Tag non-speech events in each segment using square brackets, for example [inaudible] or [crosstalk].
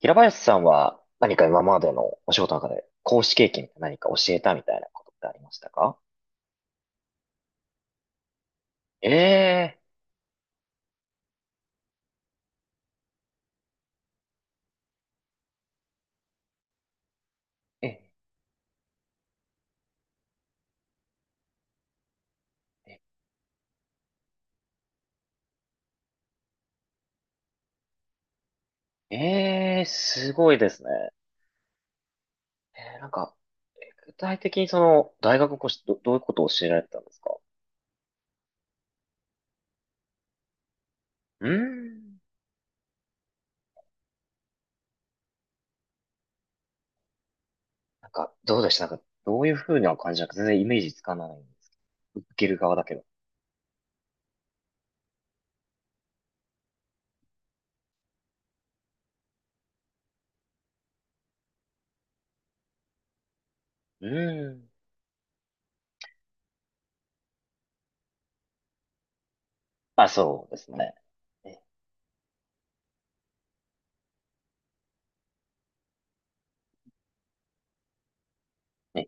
平林さんは何か今までのお仕事の中で講師経験何か教えたみたいなことってありましたか？えー、え、え、すごいですね。えー、なんか、具体的に大学の講師どういうことを教えられてたんですか？うーん。どうでした？どういうふうな感じなのか全然イメージつかないんですけど。受ける側だけど。うーん。あ、そうですね。え、え、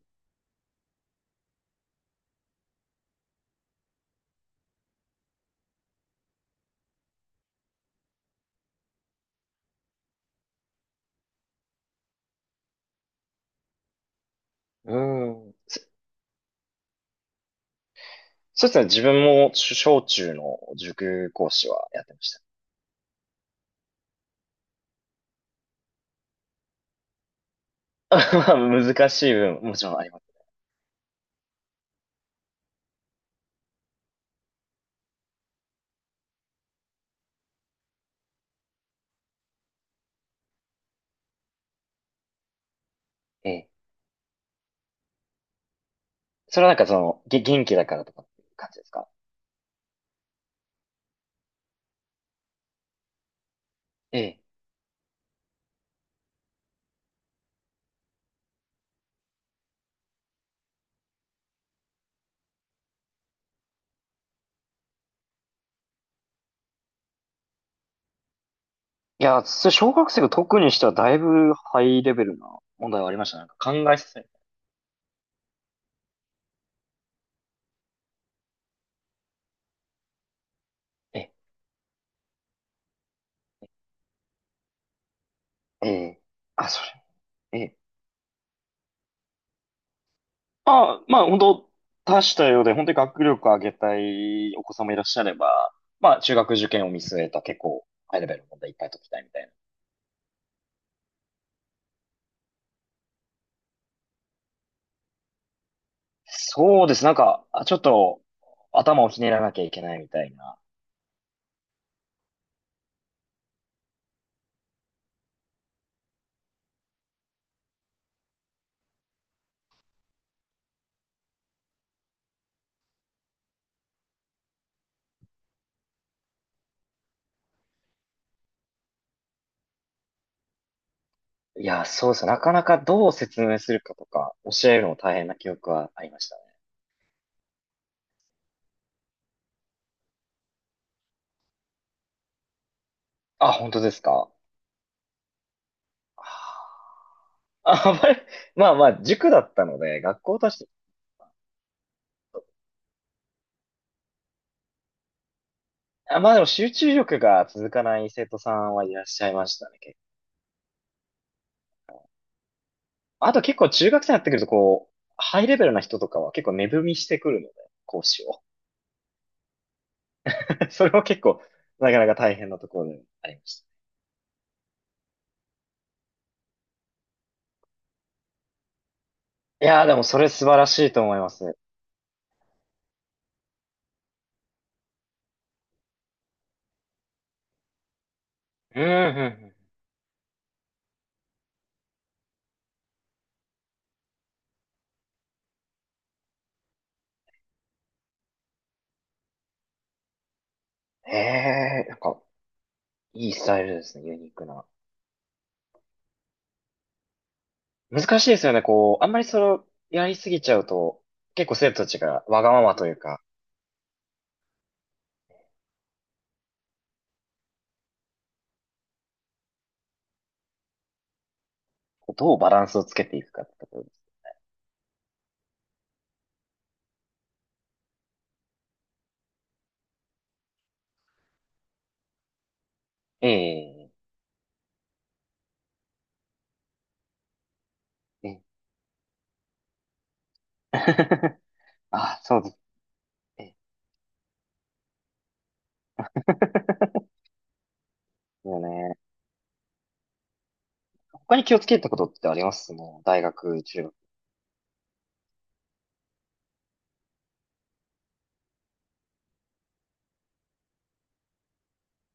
うーん。そ、そうですね。自分も小中の塾講師はやってました。[laughs] まあ難しい分、もちろんあります。ええ。それはなんか元気だからとかっていう感じですか？ええ。いや、小学生が特にしてはだいぶハイレベルな問題はありましたね。なんか考えさせる。ええ、ええ。あ、それ。ええ。あ、まあ本当多種多様で、本当に学力を上げたいお子様いらっしゃれば、まあ中学受験を見据えた結構ハイレベルの問題いっぱい解きたいみたいな。そうです。ちょっと頭をひねらなきゃいけないみたいな。いや、そうですね。なかなかどう説明するかとか、教えるのも大変な記憶はありましたね。あ、本当ですか？あー、あまり、まあまあ、塾だったので、学校として、あ、まあでも集中力が続かない生徒さんはいらっしゃいましたね。結構あと結構中学生になってくると、こう、ハイレベルな人とかは結構値踏みしてくるので、講師を。[laughs] それは結構、なかなか大変なところでありました。いやー、でもそれ素晴らしいと思います。うん、うん、うん。いいスタイルですね、ユニークな。難しいですよね。こう、あんまりそれをやりすぎちゃうと、結構生徒たちがわがままというか、こうどうバランスをつけていくかってところです。ええ、ええ [laughs]。あ、そうです。ええ [laughs] そうね、他に気をつけたことってありますもう、大学、中学。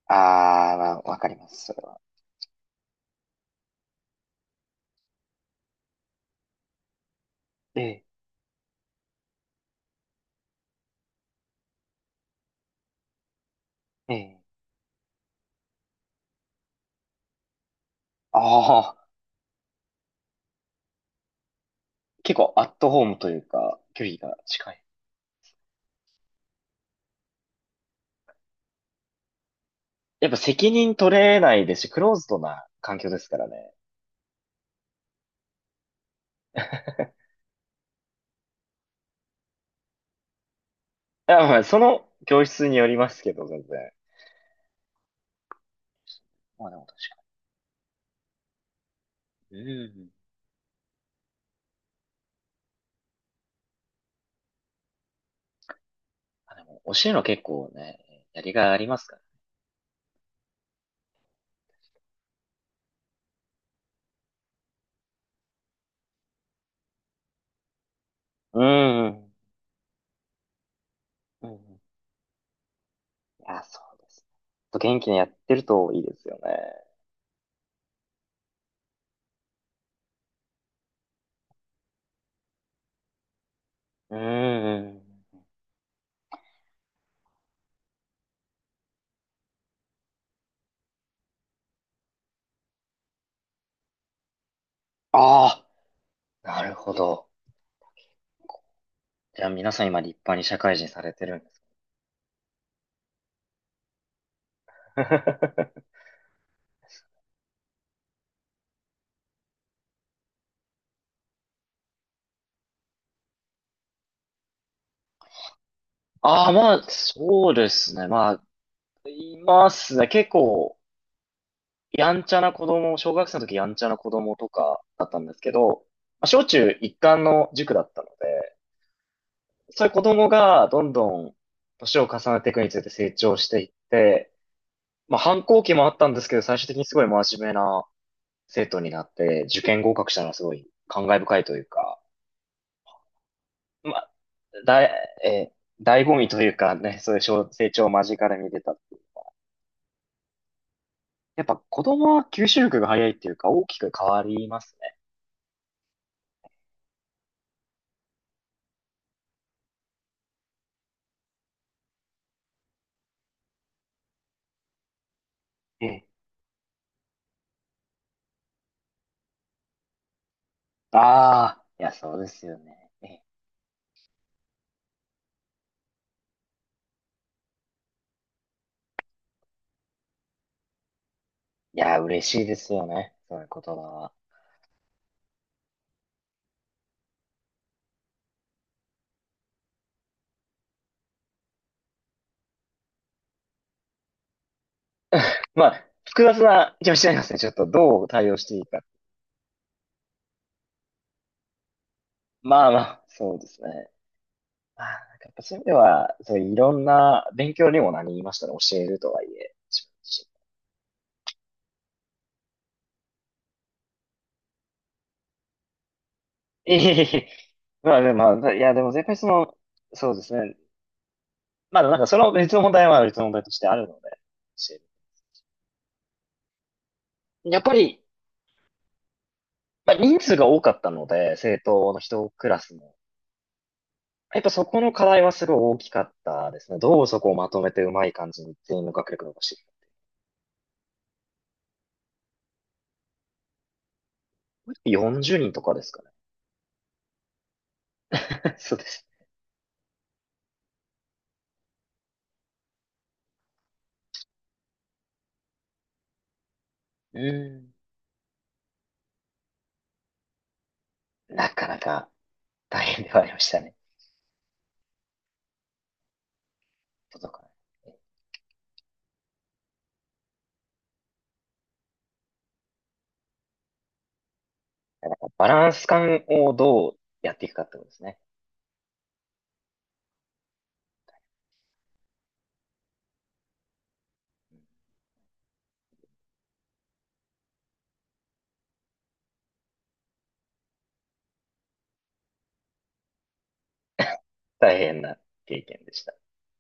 ああ、まあ、わかります、それは。ええ、ええ。ああ、結構アットホームというか、距離が近い。やっぱ責任取れないですし、クローズドな環境ですからね。あ、まあ、その教室によりますけど、全然。まあでも確かにうん。あ、でも、教えるの結構ね、やりがいありますから。うん。うん。いや、そうですね。ちょっと元気にやってるといいですよね。うん。ああ、なるほど。じゃあ皆さん今立派に社会人されてるんですか？ [laughs] ああ、まあ、そうですね。まあ、いますね。結構、やんちゃな子供、小学生の時やんちゃな子供とかだったんですけど、まあ、小中一貫の塾だったので、そういう子供がどんどん年を重ねていくにつれて成長していって、まあ反抗期もあったんですけど、最終的にすごい真面目な生徒になって、受験合格したのはすごい感慨深いというか、まあ、だい、えー、醍醐味というかね、そういう小成長を間近で見てたっていう。やっぱ子供は吸収力が早いっていうか大きく変わりますね。ええ。ああ、いや、そうですよね。ええ。いや、嬉しいですよね。そういう言葉は。まあ、複雑な気もしちゃいますね。ちょっとどう対応していいか。まあまあ、そうですね。まあ、なんかやっぱそういう意味では、そういろんな勉強にもなりましたね。教えるとはいえ。いえいえいえ、まあでも、まあいやでも絶対その、そうですね。まあなんかその別の問題は別の問題としてあるので、教えるやっぱり、まあ人数が多かったので、政党の一クラスも。やっぱそこの課題はすごい大きかったですね。どうそこをまとめてうまい感じに全員の学力伸ばしていく。40人とかですかね。[laughs] そうです。うん。なかなか。大変ではありましたね。届かない。バランス感をどうやっていくかってことですね。大変な経験でした。